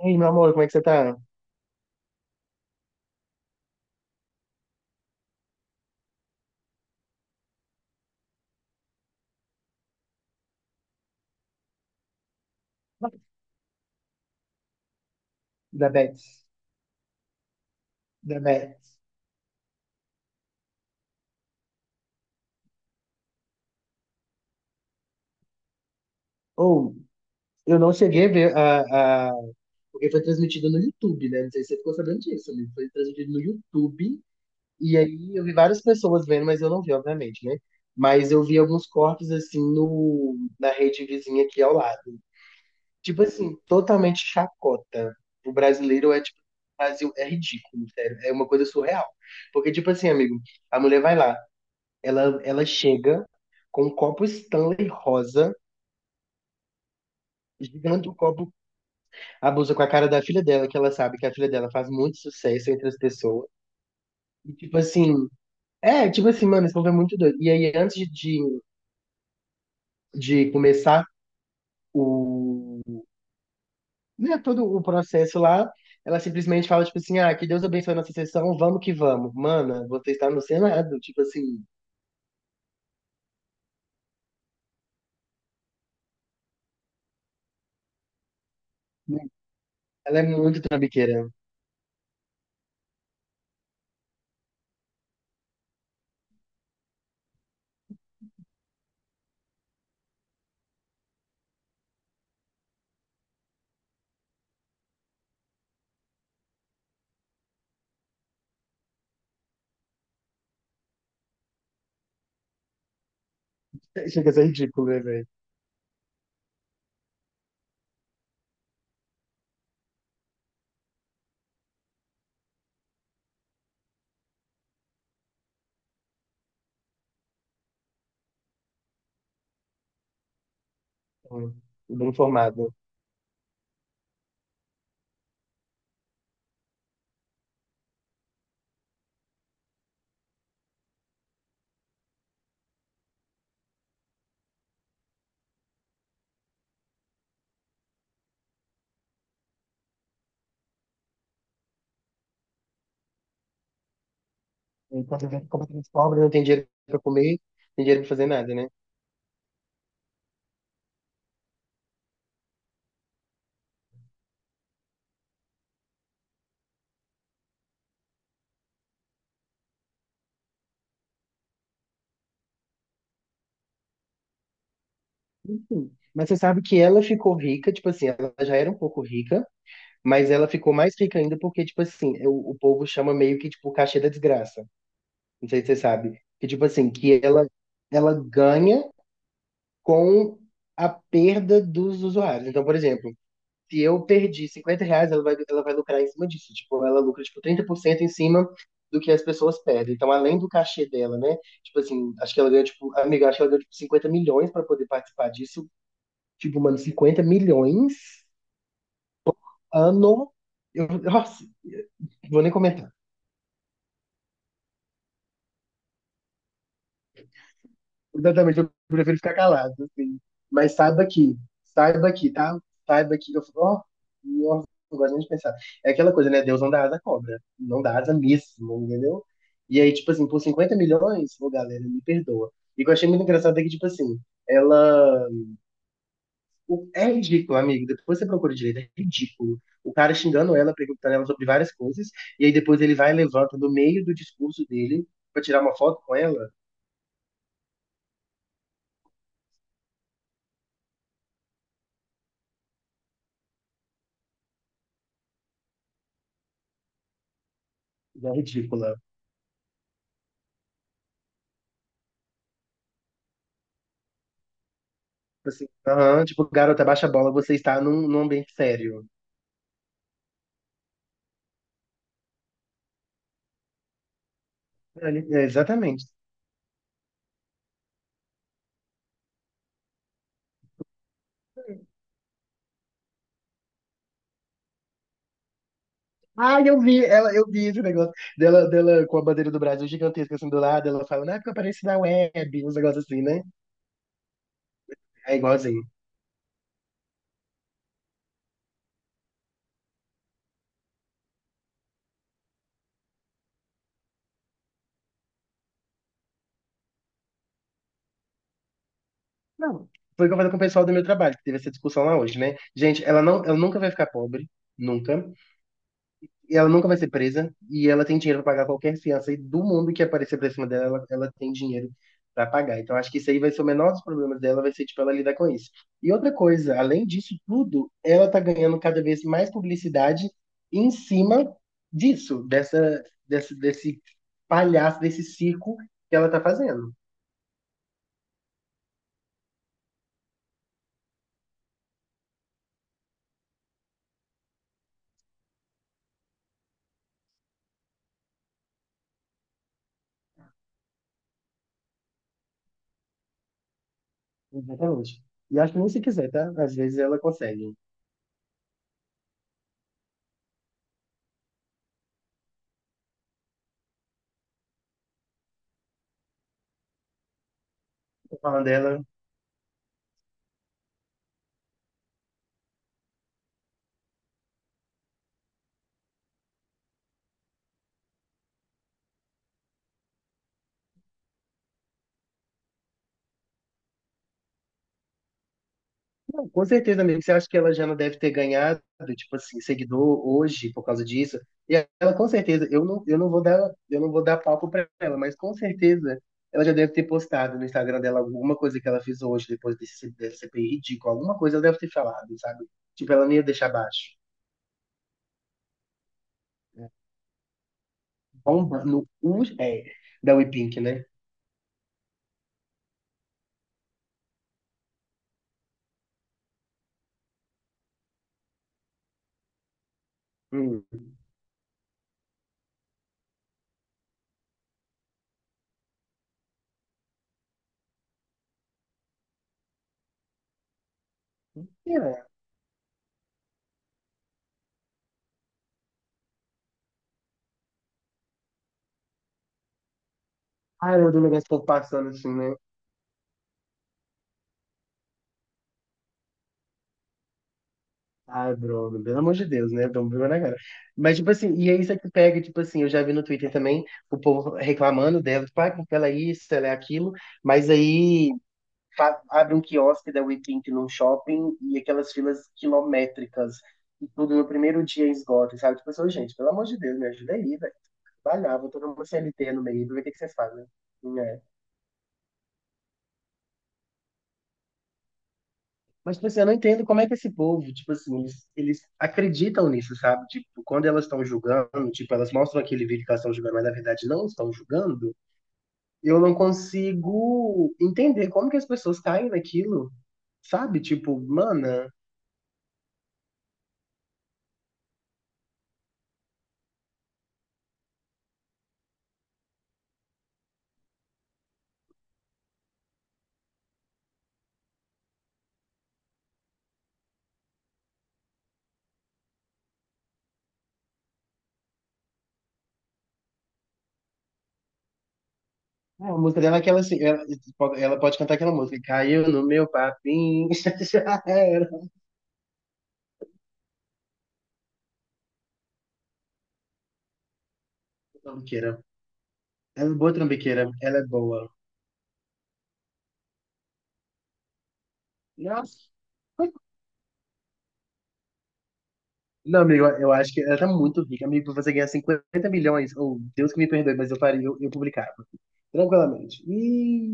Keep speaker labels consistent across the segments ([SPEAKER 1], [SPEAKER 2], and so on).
[SPEAKER 1] Ei, meu amor, como é que você tá? Da Bets. Da Bets. Ou, eu não cheguei a ver porque foi transmitido no YouTube, né? Não sei se você ficou sabendo disso, amigo. Foi transmitido no YouTube. E aí eu vi várias pessoas vendo, mas eu não vi, obviamente, né? Mas eu vi alguns cortes, assim, no... na rede vizinha aqui ao lado. Tipo assim, totalmente chacota. O brasileiro é, o Brasil é ridículo, sério. É uma coisa surreal. Porque, tipo assim, amigo, a mulher vai lá. Ela chega com um copo Stanley rosa, gigante um copo, abusa com a cara da filha dela, que ela sabe que a filha dela faz muito sucesso entre as pessoas. E tipo assim, é, tipo assim, mano, esse povo é muito doido. E aí, antes de começar o, né, todo o processo lá, ela simplesmente fala, tipo assim, ah, que Deus abençoe a nossa sessão, vamos que vamos. Mana, você está no Senado, tipo assim, né? Ela é muito trambiqueira. Chega a ser ridículo, né, velho? Bem formado. E quando eu vejo completamente pobre, não tem dinheiro pra comer, não tem dinheiro pra fazer nada, né? Enfim. Mas você sabe que ela ficou rica, tipo assim, ela já era um pouco rica, mas ela ficou mais rica ainda porque, tipo assim, é o povo chama meio que, tipo, o cachê da desgraça. Não sei se você sabe. Que, tipo assim, que ela ganha com a perda dos usuários. Então, por exemplo, se eu perdi 50 reais, ela vai lucrar em cima disso. Tipo, ela lucra, tipo, 30% em cima do que as pessoas pedem. Então, além do cachê dela, né? Tipo assim, acho que ela ganha, tipo, amiga, acho que ela ganha, tipo, 50 milhões para poder participar disso. Tipo, mano, 50 milhões ano. Eu, nossa, vou nem comentar. Exatamente, eu prefiro ficar calado, assim. Mas saiba aqui, tá? Saiba aqui. Eu falo, ó, não gosto nem de pensar. É aquela coisa, né? Deus não dá asa à cobra. Não dá asa mesmo, entendeu? E aí, tipo assim, por 50 milhões, ô galera, me perdoa. E o que eu achei muito engraçado é que, tipo assim, ela. É ridículo, amigo. Depois você procura direito, é ridículo. O cara xingando ela, perguntando ela sobre várias coisas, e aí depois ele vai e levanta no meio do discurso dele pra tirar uma foto com ela. É ridícula. Assim, aham, tipo, garota, baixa a bola, você está num ambiente sério. É, exatamente. Ah, eu vi, ela, eu vi esse negócio dela com a bandeira do Brasil gigantesca assim do lado, ela falando, ah, porque eu apareci na web, uns negócios assim, né? É igualzinho. Não, foi o que eu falei com o pessoal do meu trabalho, que teve essa discussão lá hoje, né? Gente, ela nunca vai ficar pobre, nunca. E ela nunca vai ser presa e ela tem dinheiro pra pagar qualquer fiança e do mundo que aparecer pra cima dela, ela tem dinheiro pra pagar. Então acho que isso aí vai ser o menor dos problemas dela, vai ser tipo ela lidar com isso. E outra coisa, além disso tudo, ela tá ganhando cada vez mais publicidade em cima desse palhaço, desse circo que ela tá fazendo. Exatamente. E acho que nem se quiser, tá? Às vezes ela consegue. Tô falando dela. Não, com certeza, amigo. Você acha que ela já não deve ter ganhado, tipo assim, seguidor hoje por causa disso? E ela, com certeza, eu não vou dar, eu não vou dar palco pra ela, mas com certeza ela já deve ter postado no Instagram dela alguma coisa que ela fez hoje, depois desse CPI ridículo. Alguma coisa ela deve ter falado, sabe? Tipo, ela nem ia deixar baixo. É, bomba no U, é, da We Pink, né? Hum. É. Ah, eu do negócio ficou passando assim, né? Ah, Bruno, pelo amor de Deus, né? Vamos ver na cara. Mas, tipo assim, e é isso que pega, tipo assim, eu já vi no Twitter também o povo reclamando dela, tipo, ah, porque ela é isso, ela é aquilo, mas aí abre um quiosque da WePink num shopping e aquelas filas quilométricas, e tudo no primeiro dia esgota, sabe? Tipo assim, gente, pelo amor de Deus, me ajuda aí, velho. Trabalhar, vou tomar uma CLT no meio, vou ver o que que vocês fazem, né? Mas, tipo assim, eu não entendo como é que esse povo, tipo assim, eles acreditam nisso, sabe? Tipo, quando elas estão julgando, tipo, elas mostram aquele vídeo que elas estão julgando, mas na verdade não estão julgando, eu não consigo entender como que as pessoas caem naquilo, sabe? Tipo, mana, a música dela é aquela assim, ela pode cantar aquela música, caiu no meu papinho, já era. Trambiqueira. Ela é boa trambiqueira, ela é boa. Nossa. Não, amigo, eu acho que ela tá muito rica. Amigo, você ganhar 50 milhões, ou Deus que me perdoe, mas eu faria, eu publicava. Tranquilamente. E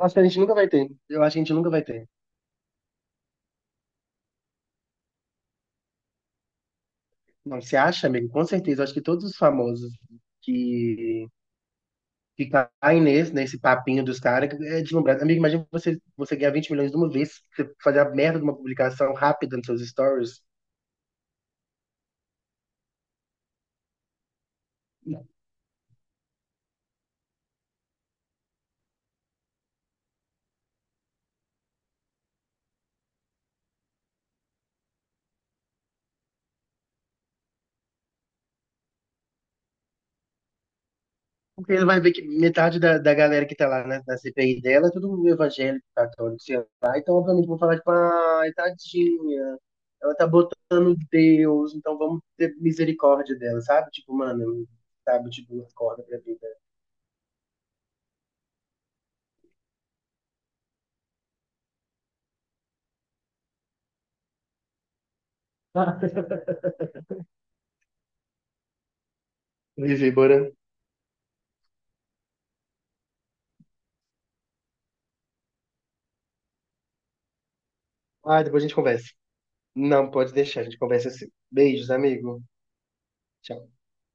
[SPEAKER 1] acho que a gente nunca vai ter. Eu acho que a gente nunca vai ter. Não, você acha, amigo? Com certeza. Eu acho que todos os famosos que, que caem nesse papinho dos caras que é deslumbrado. Amigo, imagina você, você ganhar 20 milhões de uma vez, você fazer a merda de uma publicação rápida nos seus stories. Porque ele vai ver que metade da galera que tá lá na CPI dela é tudo evangélico, católico, sei lá. Então, obviamente, vão falar, tipo, ai, tadinha, ela tá botando Deus, então vamos ter misericórdia dela, sabe? Tipo, mano, sabe? Tipo, acorda pra vida. Vivi, bora. Ah, depois a gente conversa. Não, pode deixar, a gente conversa assim. Beijos, amigo. Tchau.